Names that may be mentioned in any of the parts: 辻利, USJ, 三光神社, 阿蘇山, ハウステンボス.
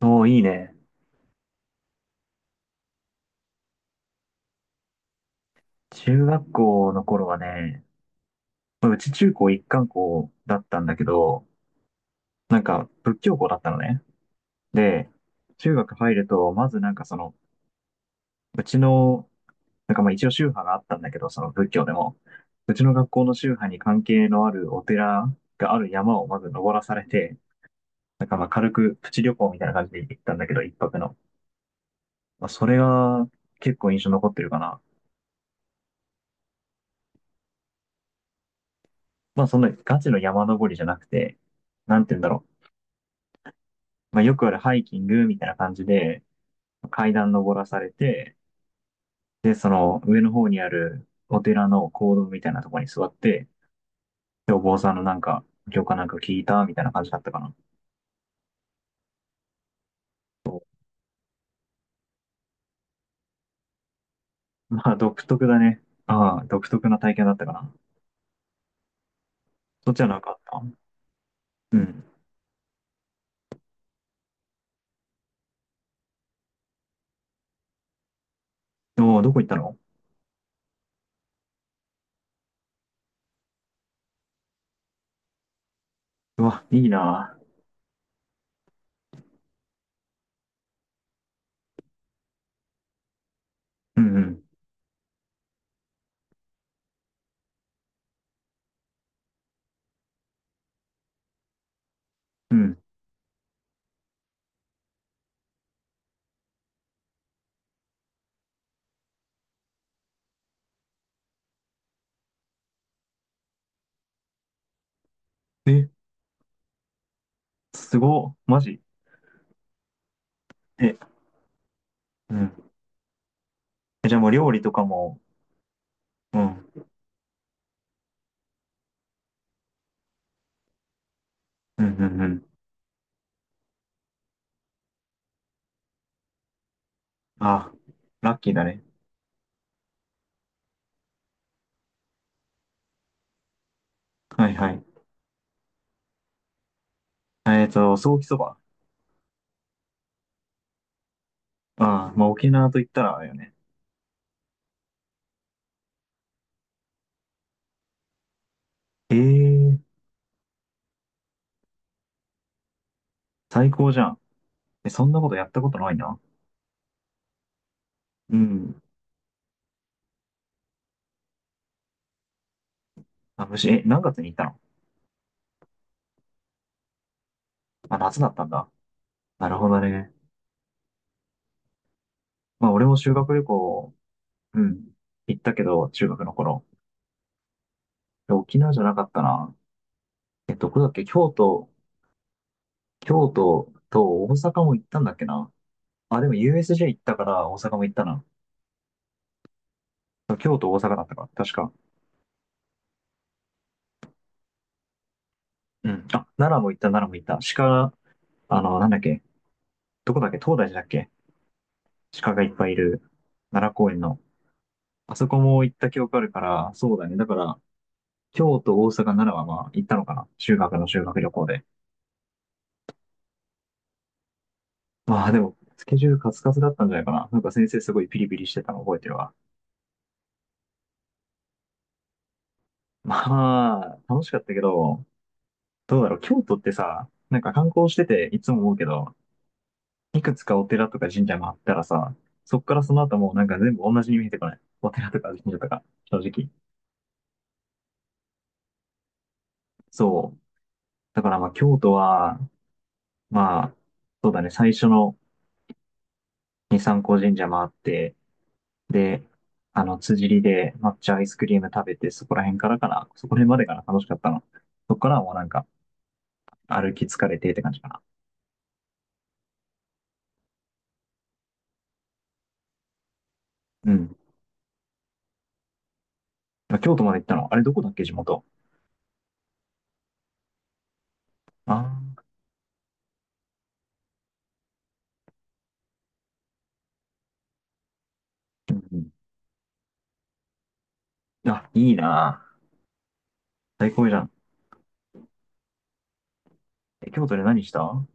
おー、いいね。中学校の頃はね、うち中高一貫校だったんだけど、仏教校だったのね。で、中学入ると、まずなんかその、うちの、なんかまあ一応宗派があったんだけど、その仏教でも、うちの学校の宗派に関係のあるお寺がある山をまず登らされて、軽くプチ旅行みたいな感じで行ったんだけど、一泊の。まあ、それが結構印象残ってるかな。まあそんなガチの山登りじゃなくて、なんて言うんだろう。まあ、よくあるハイキングみたいな感じで、階段登らされて、で、その上の方にあるお寺の講堂みたいなところに座って、で、お坊さんの教科なんか聞いたみたいな感じだったかな。まあ、独特だね。ああ、独特な体験だったかな。そっちはなかった？うん。おお、どこ行ったの？うわ、いいな。うんうん。うん。え、すご。マジ？え、うん。え、じゃあもう料理とかも、うん。うんうんうん。あ、ラッキーだね。はいはい。えっと、ソーキそば。ああ、まあ沖縄と言ったらあれよね。ええ、最高じゃん。え、そんなことやったことないな。うん。あ、むし、え、何月に行ったの？あ、夏だったんだ。なるほどね。まあ俺も修学旅行、うん、行ったけど、中学の頃。で沖縄じゃなかったな。え、どこだっけ、京都、京都と大阪も行ったんだっけな。あ、でも USJ 行ったから大阪も行ったな。京都、大阪だったか。確か。うん。あ、奈良も行った、奈良も行った。鹿、あの、なんだっけ。どこだっけ、東大寺だっけ？鹿がいっぱいいる奈良公園の。あそこも行った記憶あるから、そうだね。だから、京都、大阪、奈良はまあ行ったのかな。修学旅行で。まあでも、スケジュールカツカツだったんじゃないかな。なんか先生すごいピリピリしてたの覚えてるわ。まあ、楽しかったけど、どうだろう。京都ってさ、なんか観光してていつも思うけど、いくつかお寺とか神社回ったらさ、そっからその後もうなんか全部同じに見えてこない？お寺とか神社とか、正直。そう。だからまあ京都は、まあ、そうだね、最初のに三光神社回って、で、あの、辻利で抹茶アイスクリーム食べて、そこら辺からかな、そこら辺までかな、楽しかったの。そこからはもうなんか、歩き疲れてって感じかな。うん。まあ京都まで行ったの？あれどこだっけ、地元。ああ、うんうん。あ、いいなあ。最高じゃん。え、京都で何した？あ、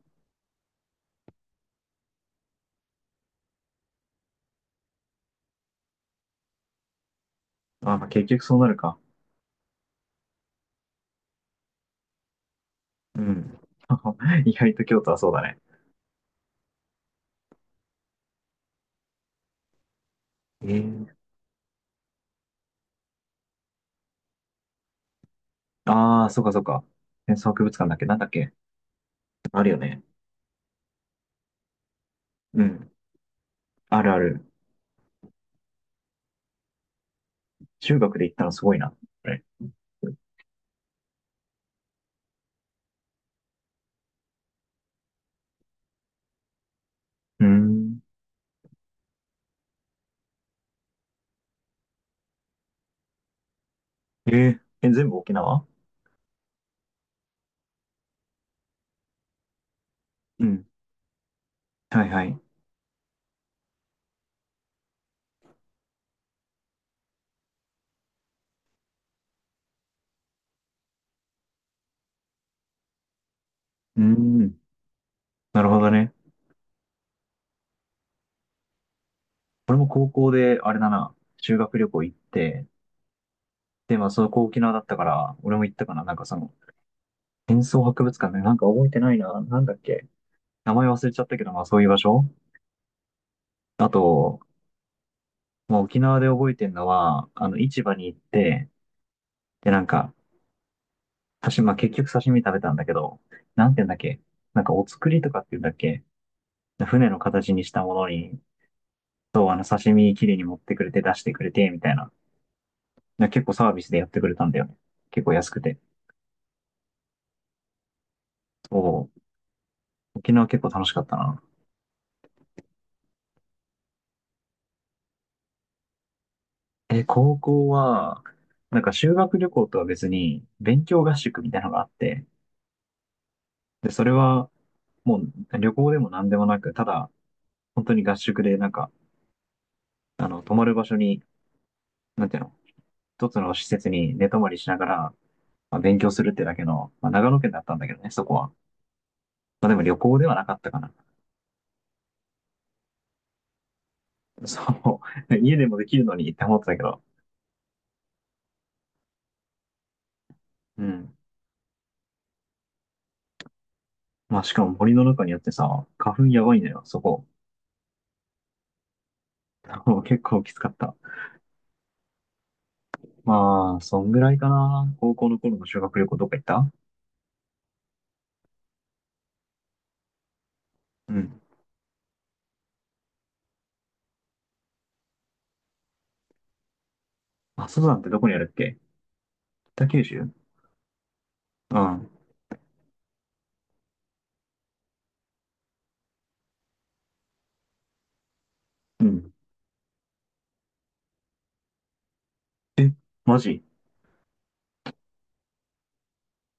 まあ、結局そうなるか。うん。意外と京都はそうだね。ええ、ああ、そうかそうか。戦争博物館だっけ、なんだっけ？あるよね。うん。あるある。中学で行ったのすごいな。あれ？うん。えー、え、全部沖縄？うん。はいはい。うん。なるほどね。俺も高校で、あれだな、修学旅行行って、で、まあ、そこ沖縄だったから、俺も行ったかな。なんかその、戦争博物館ね、なんか覚えてないな。なんだっけ。名前忘れちゃったけど、まあ、そういう場所。あと、まあ、沖縄で覚えてるのは、あの、市場に行って、で、なんか、刺身、まあ、結局刺身食べたんだけど、なんて言うんだっけ。なんか、お造りとかって言うんだっけ。船の形にしたものに、そう、あの、刺身きれいに持ってくれて、出してくれて、みたいな。な結構サービスでやってくれたんだよね。結構安くて。そう。沖縄結構楽しかったな。え、高校は、なんか修学旅行とは別に、勉強合宿みたいなのがあって、で、それは、もう旅行でも何でもなく、ただ、本当に合宿で、泊まる場所に、なんていうの、一つの施設に寝泊まりしながら、まあ、勉強するってだけの、まあ、長野県だったんだけどね、そこは。まあ、でも旅行ではなかったかな。そう。家でもできるのにって思ってたけど、うん。まあ、しかも森の中にあってさ、花粉やばいのよ、そこ。結構きつかった。まあ、そんぐらいかな。高校の頃の修学旅行どっか行った？うん。阿蘇山ってどこにあるっけ？北九州？うん。うん。え、マジ？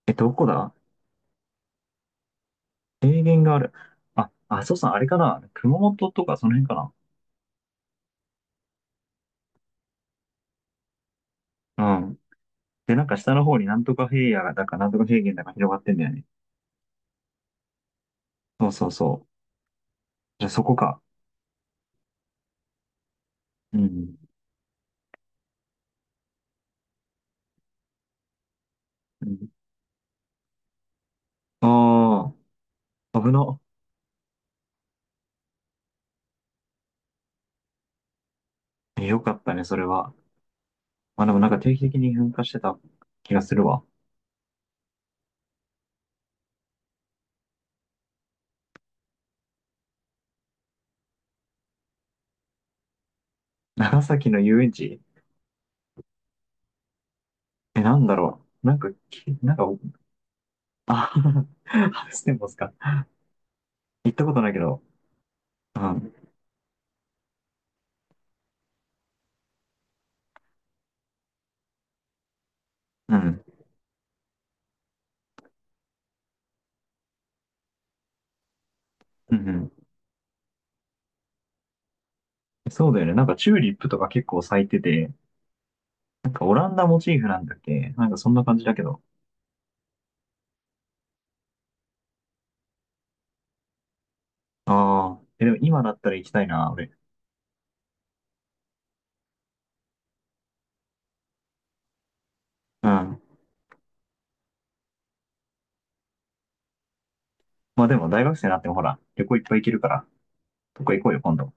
え、どこだ？平原がある。あ、阿蘇山あれかな、熊本とかその辺かな？うん。で、なんか下の方になんとか平野だかなんとか平原だか広がってんだよね。そうそうそう。じゃあそこか。うん。うん、ああ、危な。よかったね、それは。まあでもなんか定期的に噴火してた気がするわ。長崎の遊園地？え、なんだろう。なんかき、なんか、あ、ハウステンボスか。行ったことないけど、うん、うん、うん、うん。そうだよね。なんかチューリップとか結構咲いてて、なんかオランダモチーフなんだっけ、なんかそんな感じだけど。ああ、え、でも今だったら行きたいな、俺。うん。まあでも大学生になってもほら、旅行いっぱい行けるから、どこ行こうよ、今度。